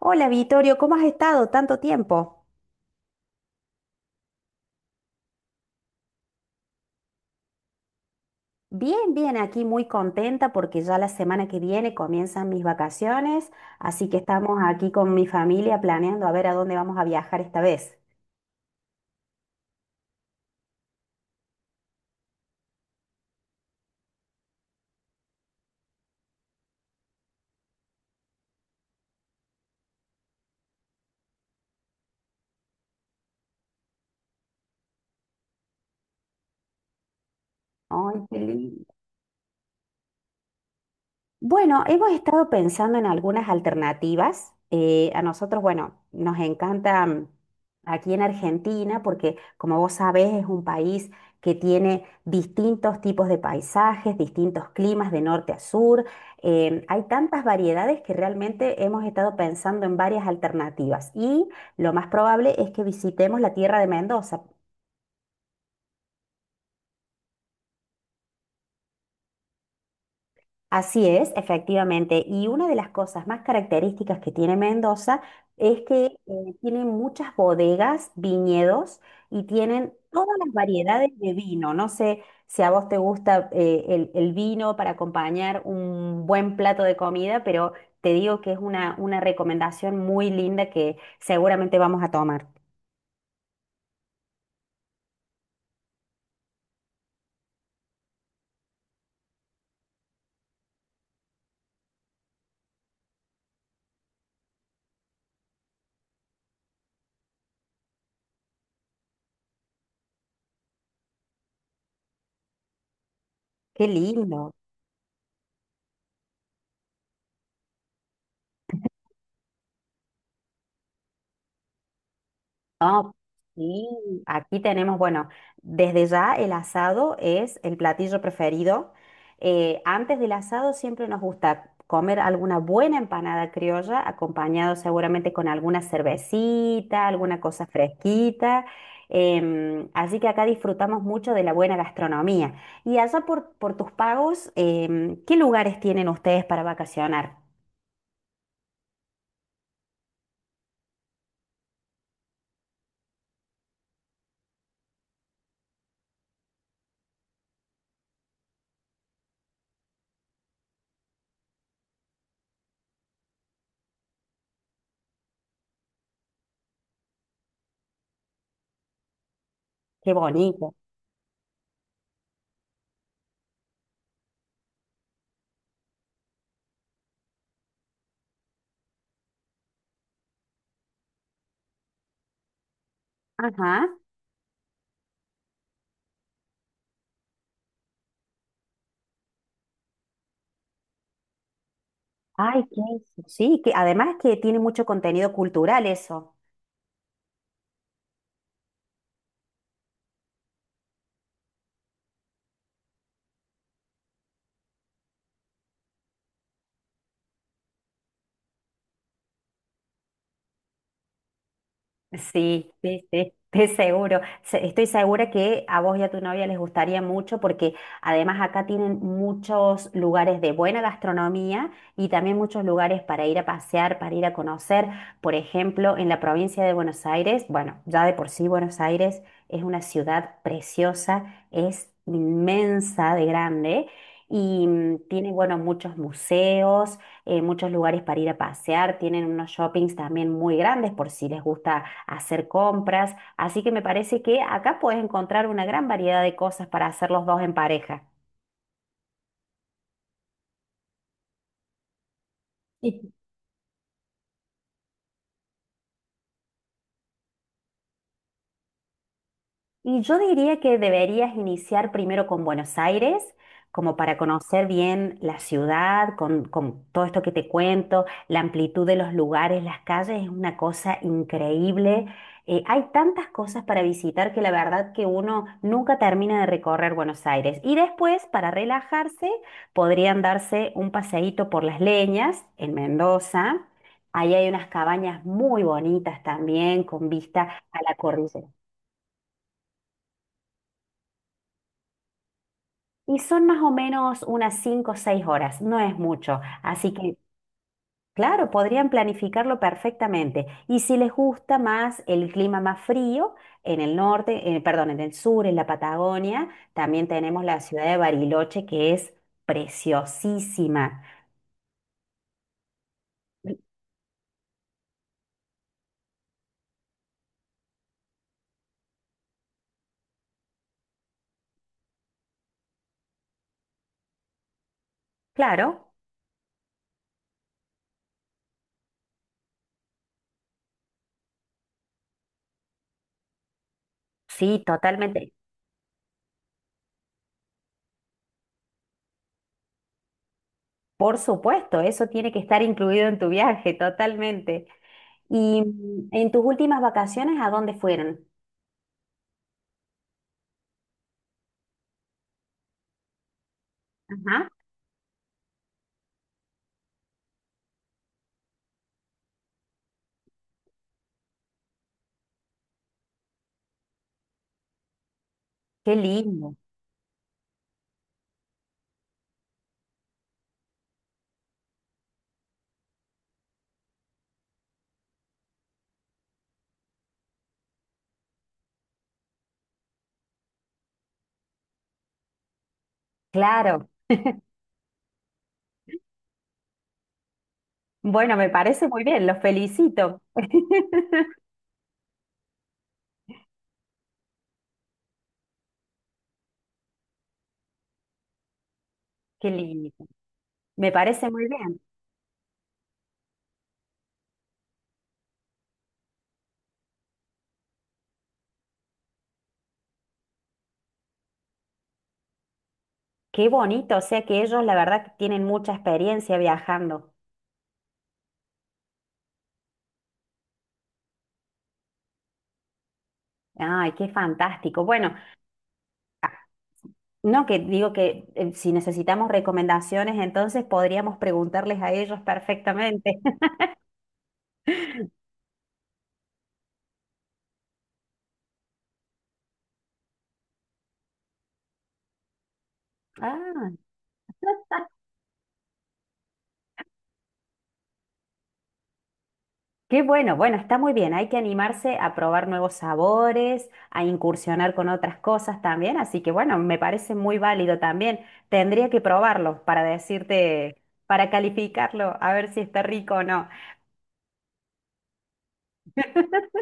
Hola Vittorio, ¿cómo has estado tanto tiempo? Bien, bien, aquí muy contenta porque ya la semana que viene comienzan mis vacaciones, así que estamos aquí con mi familia planeando a ver a dónde vamos a viajar esta vez. Ay, qué lindo. Bueno, hemos estado pensando en algunas alternativas. A nosotros, bueno, nos encanta aquí en Argentina porque, como vos sabés, es un país que tiene distintos tipos de paisajes, distintos climas de norte a sur. Hay tantas variedades que realmente hemos estado pensando en varias alternativas y lo más probable es que visitemos la tierra de Mendoza. Así es, efectivamente. Y una de las cosas más características que tiene Mendoza es que tiene muchas bodegas, viñedos y tienen todas las variedades de vino. No sé si a vos te gusta el vino para acompañar un buen plato de comida, pero te digo que es una recomendación muy linda que seguramente vamos a tomar. Qué lindo. Ah, sí, aquí tenemos, bueno, desde ya el asado es el platillo preferido. Antes del asado siempre nos gusta comer alguna buena empanada criolla, acompañado seguramente con alguna cervecita, alguna cosa fresquita. Así que acá disfrutamos mucho de la buena gastronomía. Y allá por tus pagos, ¿qué lugares tienen ustedes para vacacionar? Qué bonito. Ajá. Ay, qué eso. Sí, que además que tiene mucho contenido cultural eso. Sí, sí, sí, estoy seguro. Estoy segura que a vos y a tu novia les gustaría mucho porque además acá tienen muchos lugares de buena gastronomía y también muchos lugares para ir a pasear, para ir a conocer. Por ejemplo, en la provincia de Buenos Aires, bueno, ya de por sí Buenos Aires es una ciudad preciosa, es inmensa de grande y tiene, bueno, muchos museos, muchos lugares para ir a pasear, tienen unos shoppings también muy grandes por si les gusta hacer compras. Así que me parece que acá puedes encontrar una gran variedad de cosas para hacer los dos en pareja. Y Y yo diría que deberías iniciar primero con Buenos Aires, como para conocer bien la ciudad, con todo esto que te cuento, la amplitud de los lugares, las calles, es una cosa increíble. Hay tantas cosas para visitar que la verdad que uno nunca termina de recorrer Buenos Aires. Y después, para relajarse, podrían darse un paseíto por Las Leñas, en Mendoza. Ahí hay unas cabañas muy bonitas también, con vista a la cordillera. Y son más o menos unas 5 o 6 horas, no es mucho. Así que, claro, podrían planificarlo perfectamente. Y si les gusta más el clima más frío, en el norte, perdón, en el sur, en la Patagonia, también tenemos la ciudad de Bariloche, que es preciosísima. Claro, sí, totalmente. Por supuesto, eso tiene que estar incluido en tu viaje, totalmente. Y en tus últimas vacaciones, ¿a dónde fueron? Ajá. Qué lindo. Claro, bueno, me parece muy bien, los felicito. Qué lindo. Me parece muy bien. Qué bonito, o sea que ellos la verdad que tienen mucha experiencia viajando. Ay, qué fantástico. Bueno, no que digo que si necesitamos recomendaciones, entonces podríamos preguntarles a ellos perfectamente. Ah. Qué bueno, bueno, está muy bien. Hay que animarse a probar nuevos sabores, a incursionar con otras cosas también. Así que bueno, me parece muy válido también. Tendría que probarlo para decirte, para calificarlo, a ver si está rico o no.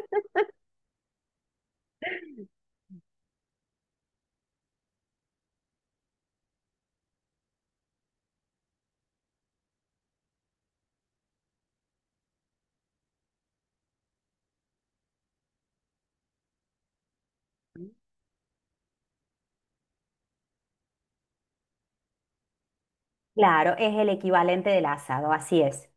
Claro, es el equivalente del asado, así es.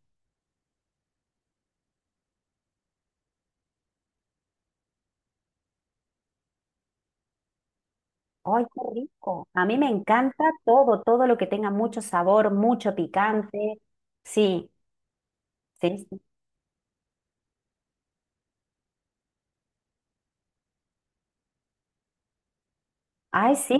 ¡Ay, qué rico! A mí me encanta todo, todo lo que tenga mucho sabor, mucho picante. Sí, sí, sí. Ay, sí,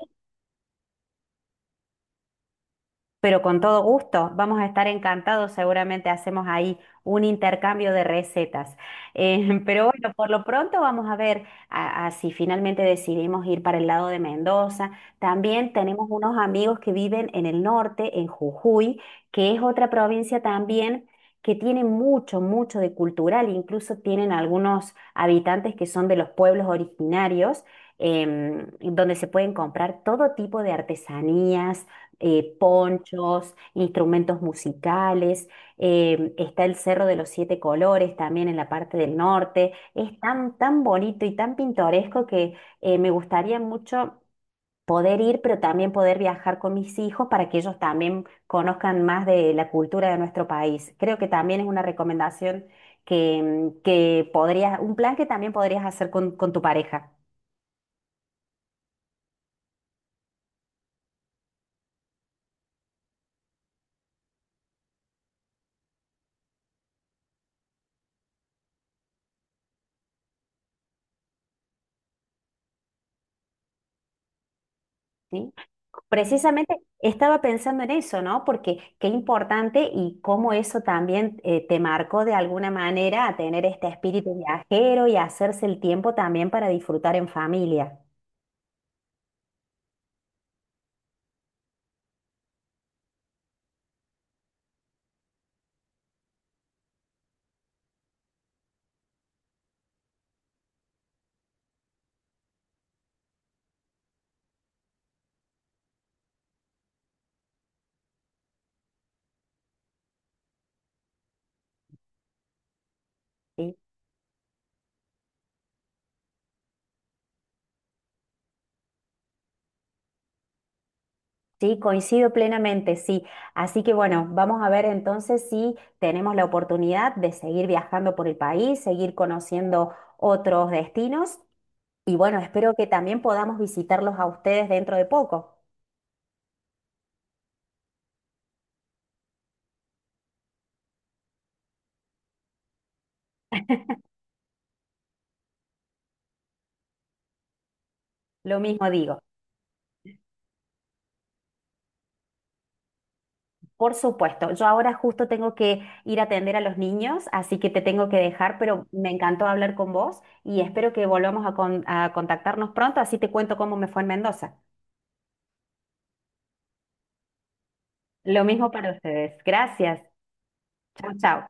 pero con todo gusto, vamos a estar encantados, seguramente hacemos ahí un intercambio de recetas. Pero bueno, por lo pronto vamos a ver a si finalmente decidimos ir para el lado de Mendoza. También tenemos unos amigos que viven en el norte, en Jujuy, que es otra provincia también que tiene mucho, mucho de cultural, incluso tienen algunos habitantes que son de los pueblos originarios, donde se pueden comprar todo tipo de artesanías ponchos, instrumentos musicales, está el Cerro de los Siete Colores también en la parte del norte. Es tan, tan bonito y tan pintoresco que me gustaría mucho poder ir, pero también poder viajar con mis hijos para que ellos también conozcan más de la cultura de nuestro país. Creo que también es una recomendación que, que podrías, un plan que también podrías hacer con tu pareja. ¿Sí? Precisamente estaba pensando en eso, ¿no? Porque qué importante y cómo eso también te marcó de alguna manera a tener este espíritu viajero y hacerse el tiempo también para disfrutar en familia. Sí, sí, coincido plenamente, sí. Así que bueno, vamos a ver entonces si tenemos la oportunidad de seguir viajando por el país, seguir conociendo otros destinos y bueno, espero que también podamos visitarlos a ustedes dentro de poco. Lo mismo digo. Por supuesto, yo ahora justo tengo que ir a atender a los niños, así que te tengo que dejar, pero me encantó hablar con vos y espero que volvamos a, a contactarnos pronto, así te cuento cómo me fue en Mendoza. Lo mismo para ustedes. Gracias. Chao, chao.